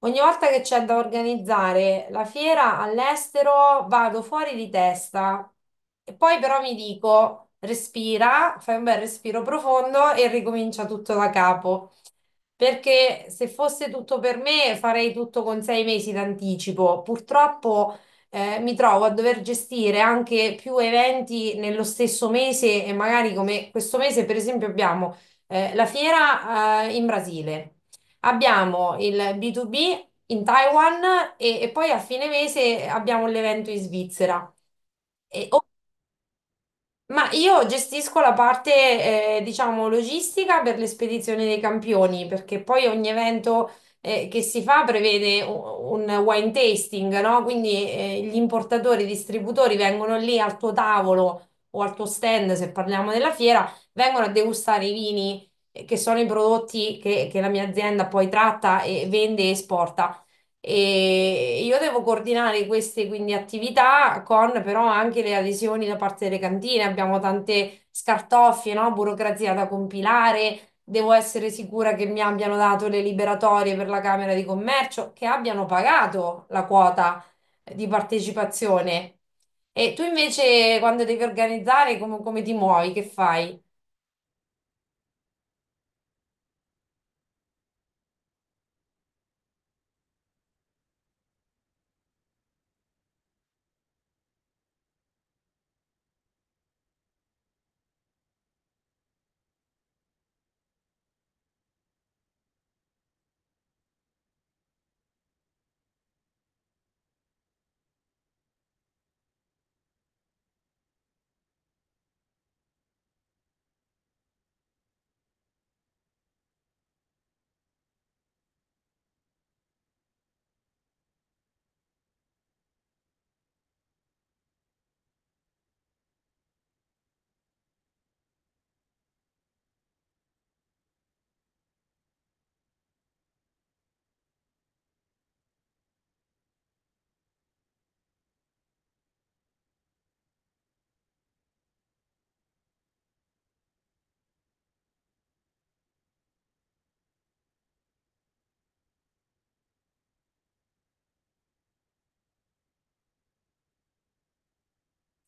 Ogni volta che c'è da organizzare la fiera all'estero vado fuori di testa e poi però mi dico respira, fai un bel respiro profondo e ricomincia tutto da capo. Perché se fosse tutto per me farei tutto con 6 mesi d'anticipo. Purtroppo mi trovo a dover gestire anche più eventi nello stesso mese e magari come questo mese, per esempio, abbiamo la fiera in Brasile, abbiamo il B2B in Taiwan e poi a fine mese abbiamo l'evento in Svizzera. E. Ma io gestisco la parte, diciamo, logistica per le spedizioni dei campioni, perché poi ogni evento, che si fa prevede un wine tasting, no? Quindi, gli importatori, i distributori vengono lì al tuo tavolo o al tuo stand, se parliamo della fiera, vengono a degustare i vini, che sono i prodotti che la mia azienda poi tratta e vende e esporta e io devo coordinare queste quindi attività con però anche le adesioni da parte delle cantine. Abbiamo tante scartoffie, no? Burocrazia da compilare. Devo essere sicura che mi abbiano dato le liberatorie per la Camera di Commercio, che abbiano pagato la quota di partecipazione. E tu invece quando devi organizzare come ti muovi? Che fai?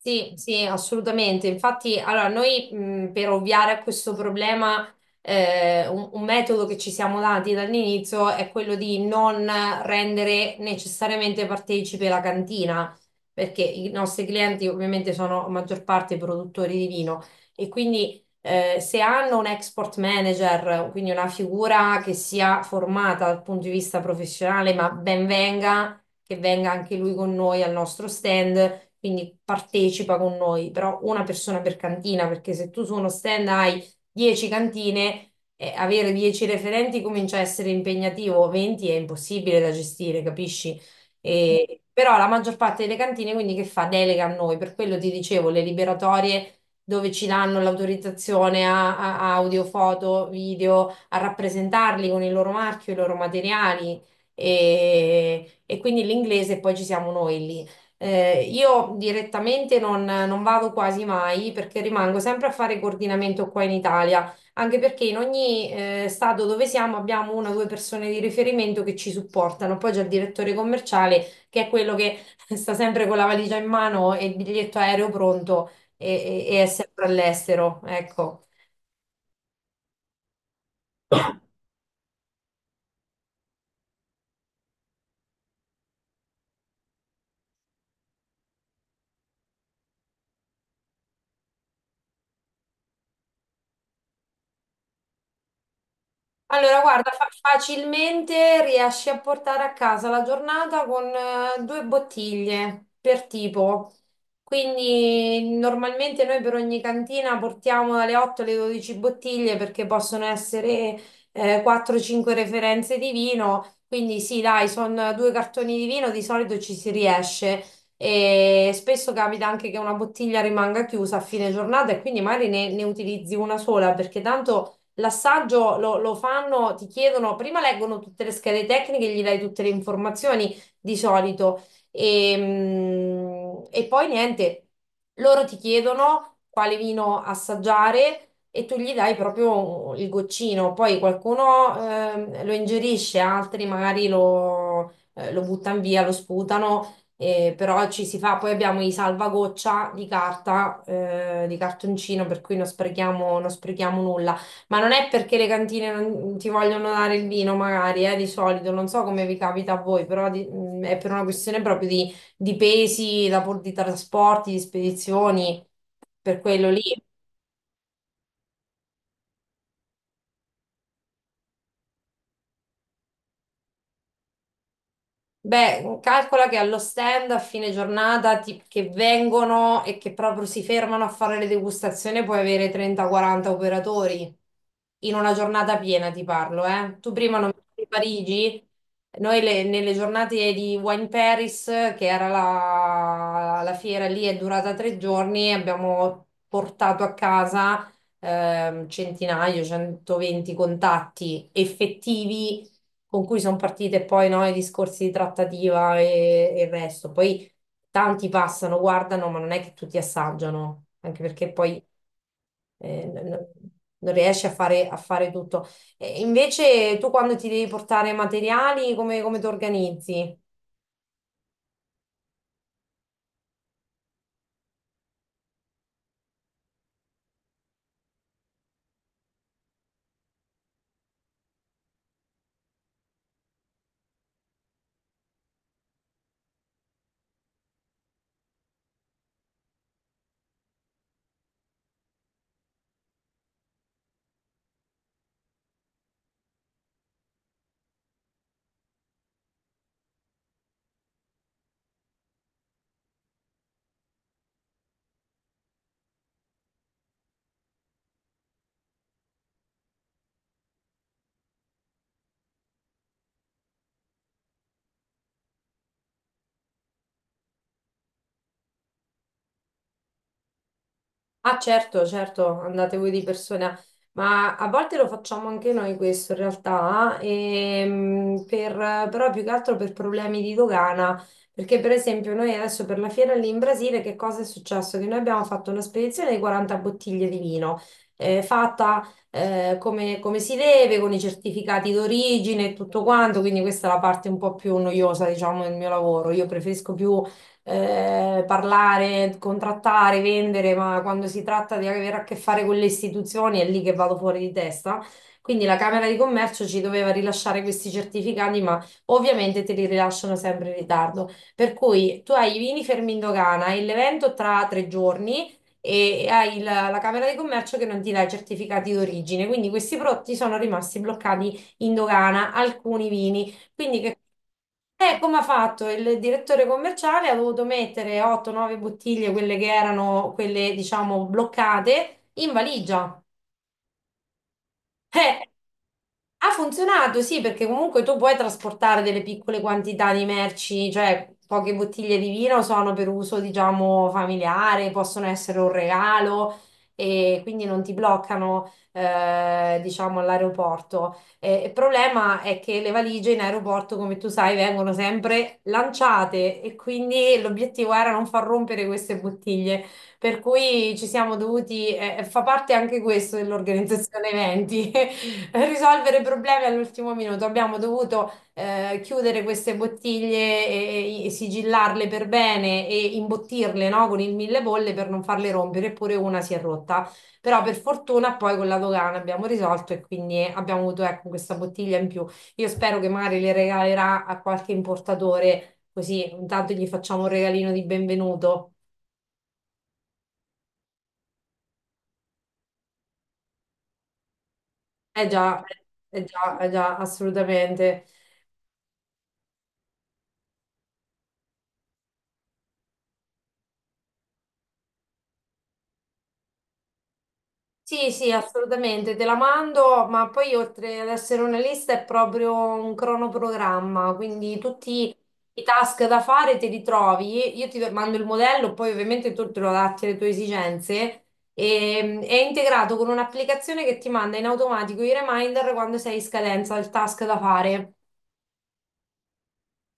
Sì, sì, assolutamente. Infatti, allora, noi per ovviare a questo problema, un metodo che ci siamo dati dall'inizio è quello di non rendere necessariamente partecipe la cantina, perché i nostri clienti ovviamente sono a maggior parte produttori di vino e quindi se hanno un export manager, quindi una figura che sia formata dal punto di vista professionale, ma ben venga che venga anche lui con noi al nostro stand, quindi partecipa con noi, però una persona per cantina, perché se tu su uno stand hai 10 cantine, avere 10 referenti comincia a essere impegnativo, 20 è impossibile da gestire, capisci? Però la maggior parte delle cantine quindi che fa? Delega a noi, per quello ti dicevo, le liberatorie dove ci danno l'autorizzazione a audio, foto, video, a rappresentarli con il loro marchio, i loro materiali. E e quindi l'inglese poi ci siamo noi lì. Io direttamente non vado quasi mai perché rimango sempre a fare coordinamento qua in Italia, anche perché in ogni stato dove siamo abbiamo una o due persone di riferimento che ci supportano. Poi c'è il direttore commerciale che è quello che sta sempre con la valigia in mano e il biglietto aereo pronto e è sempre all'estero, ecco. Allora, guarda, facilmente riesci a portare a casa la giornata con due bottiglie per tipo. Quindi normalmente noi per ogni cantina portiamo dalle 8 alle 12 bottiglie perché possono essere 4-5 referenze di vino. Quindi sì, dai, sono due cartoni di vino, di solito ci si riesce. E spesso capita anche che una bottiglia rimanga chiusa a fine giornata e quindi magari ne utilizzi una sola perché tanto l'assaggio lo fanno, ti chiedono, prima leggono tutte le schede tecniche, gli dai tutte le informazioni di solito e poi niente. Loro ti chiedono quale vino assaggiare e tu gli dai proprio il goccino, poi qualcuno lo ingerisce, altri magari lo buttano via, lo sputano. Però ci si fa, poi abbiamo i salvagoccia di carta, di cartoncino, per cui non sprechiamo, non sprechiamo nulla. Ma non è perché le cantine non ti vogliono dare il vino, magari, di solito, non so come vi capita a voi, però è per una questione proprio di, pesi, di trasporti, di spedizioni, per quello lì. Beh, calcola che allo stand a fine giornata che vengono e che proprio si fermano a fare le degustazioni puoi avere 30-40 operatori in una giornata piena, ti parlo, eh. Tu prima non di Parigi. Noi nelle giornate di Wine Paris, che era la fiera lì, è durata 3 giorni, abbiamo portato a casa centinaio, 120 contatti effettivi con cui sono partite poi no, i discorsi di trattativa e il resto. Poi tanti passano, guardano, ma non è che tutti assaggiano, anche perché poi eh, n- n- non riesci a fare tutto. E invece tu quando ti devi portare materiali, come ti organizzi? Ah, certo, certo, andate voi di persona, ma a volte lo facciamo anche noi questo in realtà, però più che altro per problemi di dogana, perché per esempio noi adesso per la fiera lì in Brasile che cosa è successo? Che noi abbiamo fatto una spedizione di 40 bottiglie di vino, fatta come si deve, con i certificati d'origine e tutto quanto, quindi questa è la parte un po' più noiosa, diciamo, del mio lavoro. Io preferisco più parlare, contrattare, vendere, ma quando si tratta di avere a che fare con le istituzioni è lì che vado fuori di testa. Quindi la Camera di Commercio ci doveva rilasciare questi certificati, ma ovviamente te li rilasciano sempre in ritardo. Per cui tu hai i vini fermi in dogana e l'evento tra 3 giorni e hai la Camera di Commercio che non ti dà i certificati d'origine. Quindi questi prodotti sono rimasti bloccati in dogana, alcuni vini. Quindi che. Come ha fatto il direttore commerciale? Ha dovuto mettere 8-9 bottiglie, quelle che erano quelle, diciamo, bloccate, in valigia. Eh, ha funzionato, sì, perché comunque tu puoi trasportare delle piccole quantità di merci, cioè poche bottiglie di vino sono per uso, diciamo, familiare, possono essere un regalo e quindi non ti bloccano, diciamo, all'aeroporto. Il problema è che le valigie in aeroporto, come tu sai, vengono sempre lanciate e quindi l'obiettivo era non far rompere queste bottiglie, per cui ci siamo dovuti, fa parte anche questo dell'organizzazione eventi. Per risolvere problemi all'ultimo minuto. Abbiamo dovuto chiudere queste bottiglie e sigillarle per bene e imbottirle, no, con il mille bolle per non farle rompere, eppure una si è rotta. Però per fortuna poi con la dogana abbiamo risolto e quindi abbiamo avuto ecco, questa bottiglia in più. Io spero che magari le regalerà a qualche importatore, così intanto gli facciamo un regalino di benvenuto. Eh già, eh già, eh già, assolutamente. Sì, sì, assolutamente, te la mando, ma poi oltre ad essere una lista è proprio un cronoprogramma, quindi tutti i task da fare te li trovi, io ti mando il modello, poi ovviamente tu te lo adatti alle tue esigenze e è integrato con un'applicazione che ti manda in automatico i reminder quando sei in scadenza il task da fare.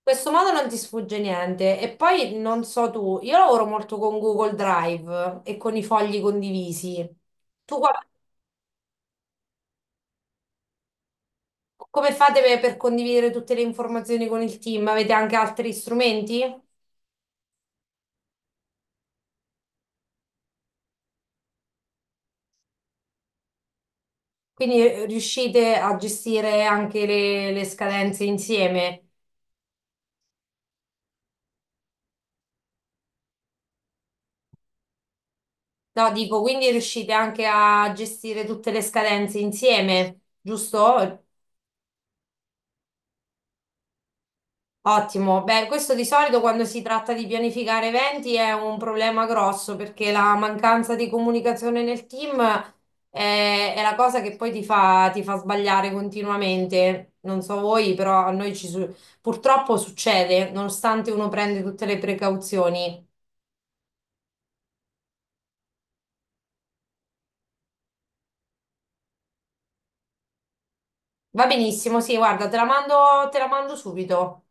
In questo modo non ti sfugge niente e poi non so tu, io lavoro molto con Google Drive e con i fogli condivisi. Tu qua. Come fate per condividere tutte le informazioni con il team? Avete anche altri strumenti? Quindi riuscite a gestire anche le scadenze insieme? No, dico, quindi riuscite anche a gestire tutte le scadenze insieme, giusto? Ottimo, beh, questo di solito quando si tratta di pianificare eventi è un problema grosso perché la mancanza di comunicazione nel team è la cosa che poi ti fa, sbagliare continuamente. Non so voi, però a noi ci purtroppo succede, nonostante uno prende tutte le precauzioni. Va benissimo, sì, guarda, te la mando subito.